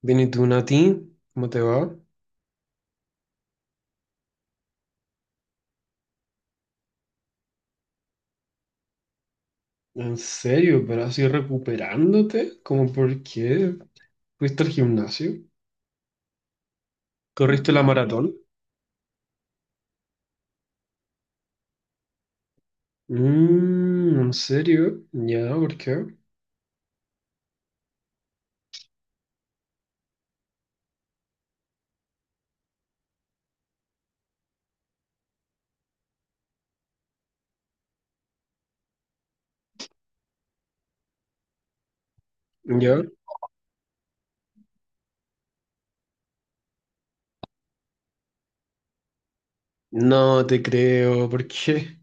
Bien, ¿y tú, Nati? ¿Cómo te va? ¿En serio? ¿Pero así recuperándote? ¿Cómo por qué? ¿Fuiste al gimnasio? ¿Corriste la Sí, maratón? Mm, ¿en serio? ¿Ya? ¿Por qué? ¿Ya? No te creo, ¿por qué?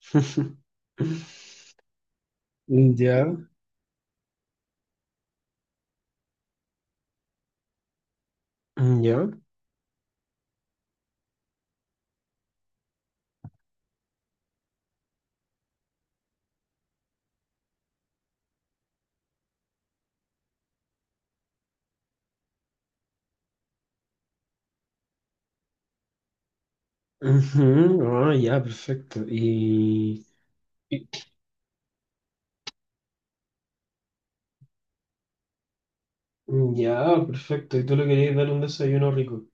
¿Ya? ¿Ya? Ujú. Ah, ya, perfecto. Y- Ya, perfecto. ¿Y tú le querías dar un desayuno rico?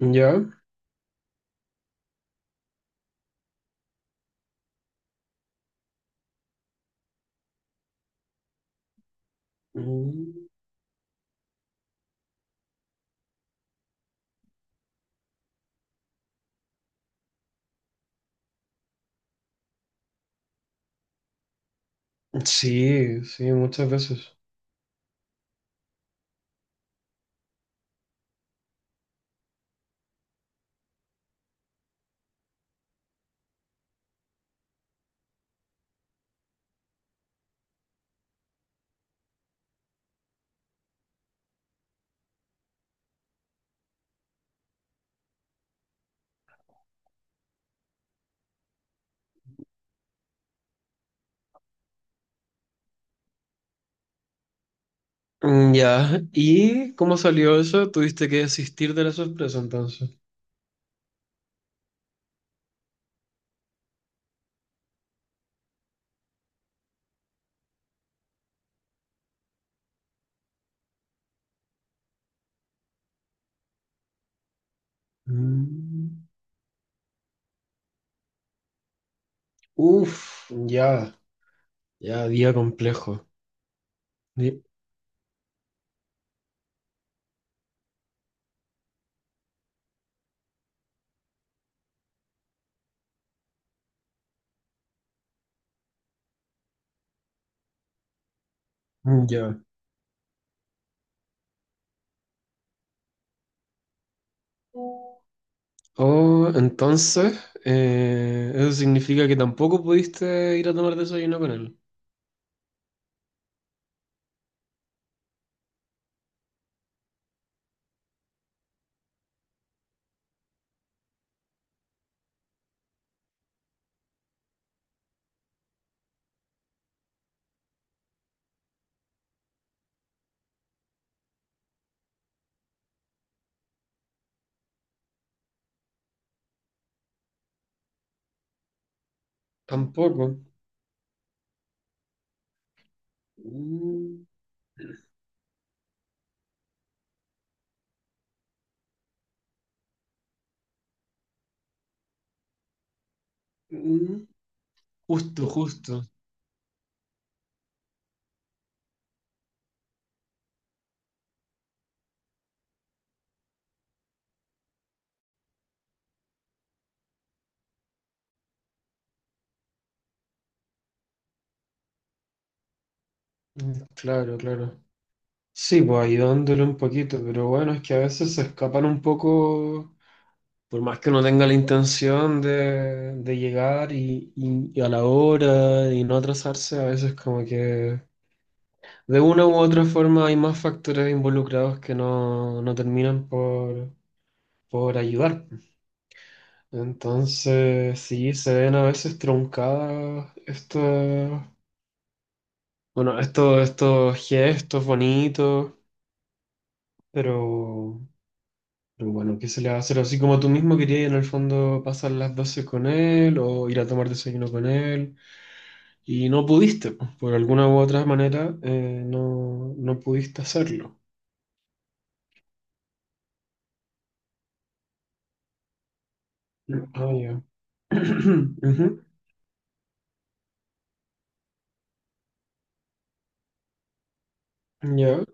¿Ya? Mm. Sí, sí, muchas veces. Mm. Ya, ¿y cómo salió eso? ¿Tuviste que desistir de la sorpresa entonces? Mm. Uf, ya, ya, día complejo. Di- Ya. Oh, entonces, eso significa que tampoco pudiste ir a tomar desayuno con él. Tampoco. Mm. Mm. Justo, justo. Mm. Claro, claro. Sí, pues ayudándole un poquito, pero bueno, es que a veces se escapan un poco. Por más que uno tenga la intención de llegar y a la hora y no atrasarse, a veces como que de una u otra forma hay más factores involucrados que no terminan por ayudar. Entonces, sí, se ven a veces truncadas estos gestos bonitos, pero... Pero bueno, ¿qué se le va a hacer? Así como tú mismo querías en el fondo pasar las 12 con él o ir a tomar desayuno con él. Y no pudiste, pues, por alguna u otra manera, no, no pudiste hacerlo. Ah, ya. Ujú. Ya.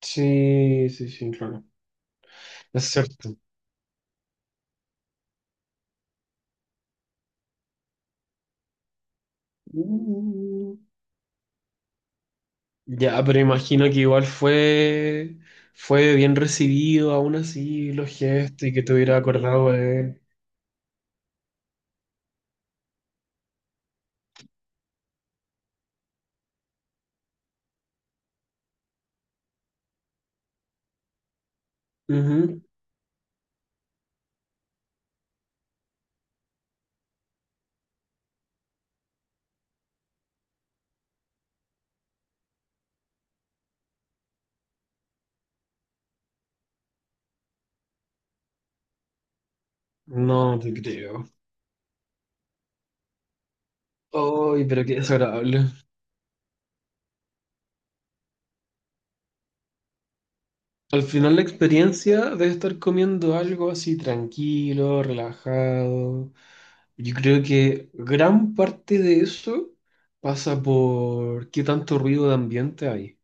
Sí, sí, sí, claro. Es cierto. Mm. Ya, pero imagino que igual fue bien recibido, aún así, los gestos y que te hubiera acordado de él. Ujú. No te creo. Ay, pero qué desagradable. Al final la experiencia de estar comiendo algo así tranquilo, relajado, yo creo que gran parte de eso pasa por qué tanto ruido de ambiente hay.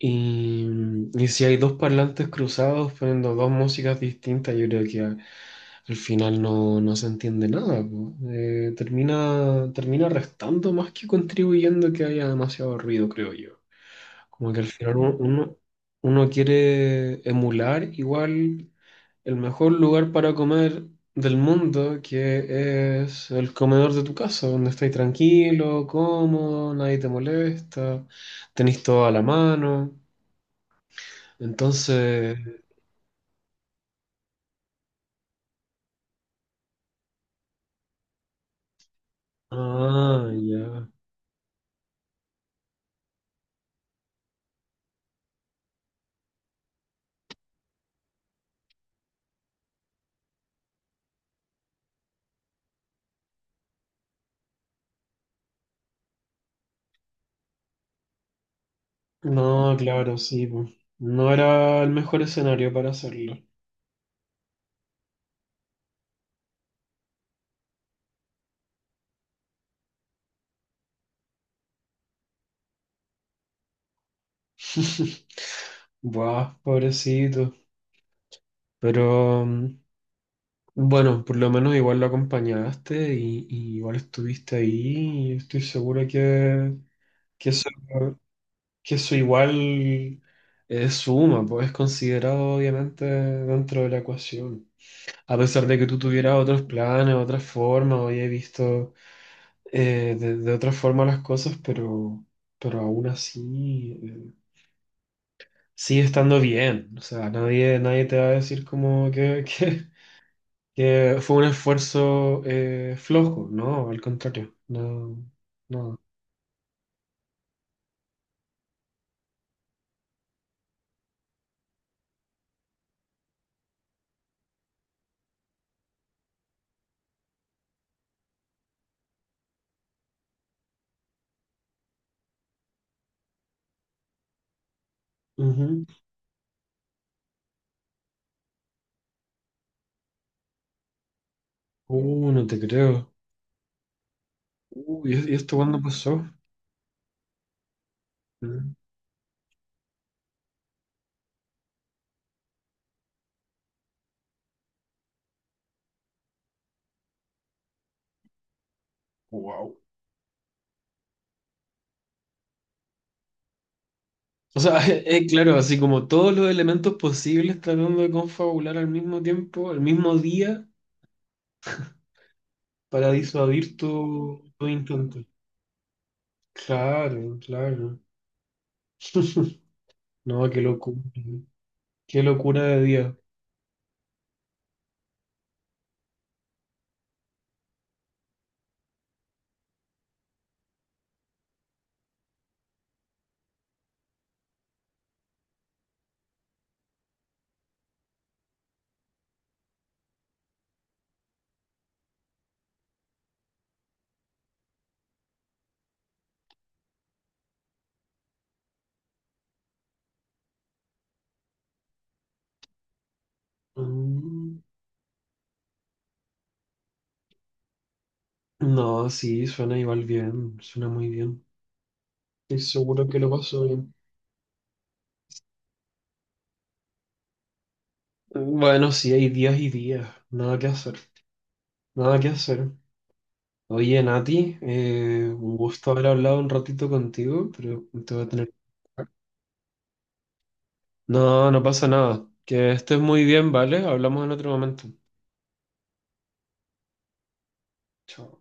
Y, y si hay dos parlantes cruzados poniendo dos músicas distintas, yo creo que al final no, no se entiende nada. Po. Termina, termina restando más que contribuyendo que haya demasiado ruido, creo yo. Como que al final uno quiere emular igual el mejor lugar para comer del mundo, que es el comedor de tu casa, donde estáis tranquilo, cómodo, nadie te molesta, tenéis todo a la mano. Entonces, ah, ya. No, claro, sí. po. No era el mejor escenario para hacerlo. Buah, pobrecito. Pero... mm, Bueno, por lo menos igual lo acompañaste y igual estuviste ahí y estoy seguro que, que eso, que eso igual es suma, pues es considerado obviamente dentro de la ecuación. A pesar de que tú tuvieras otros planes, otras formas, o hayas visto de otra forma las cosas, pero aún así sigue estando bien. O sea, nadie, nadie te va a decir como que, que fue un esfuerzo flojo, ¿no? Al contrario, no, no. Ujú. No te creo. ¿Y esto cuándo pasó? Wow. O sea, es claro, así como todos los elementos posibles tratando de confabular al mismo tiempo, al mismo día, para disuadir tu intento. Claro, claro. No, qué locura. ¿No? Qué locura de día. Mm. No, sí, suena igual bien, suena muy bien. Estoy seguro que lo pasó bien. Bueno, sí, hay días y días. Nada que hacer. Nada que hacer. Oye, Nati, un gusto haber hablado un ratito contigo, pero te voy a tener... No, no pasa nada. Que estés muy bien, ¿vale? Hablamos en otro momento. Chao.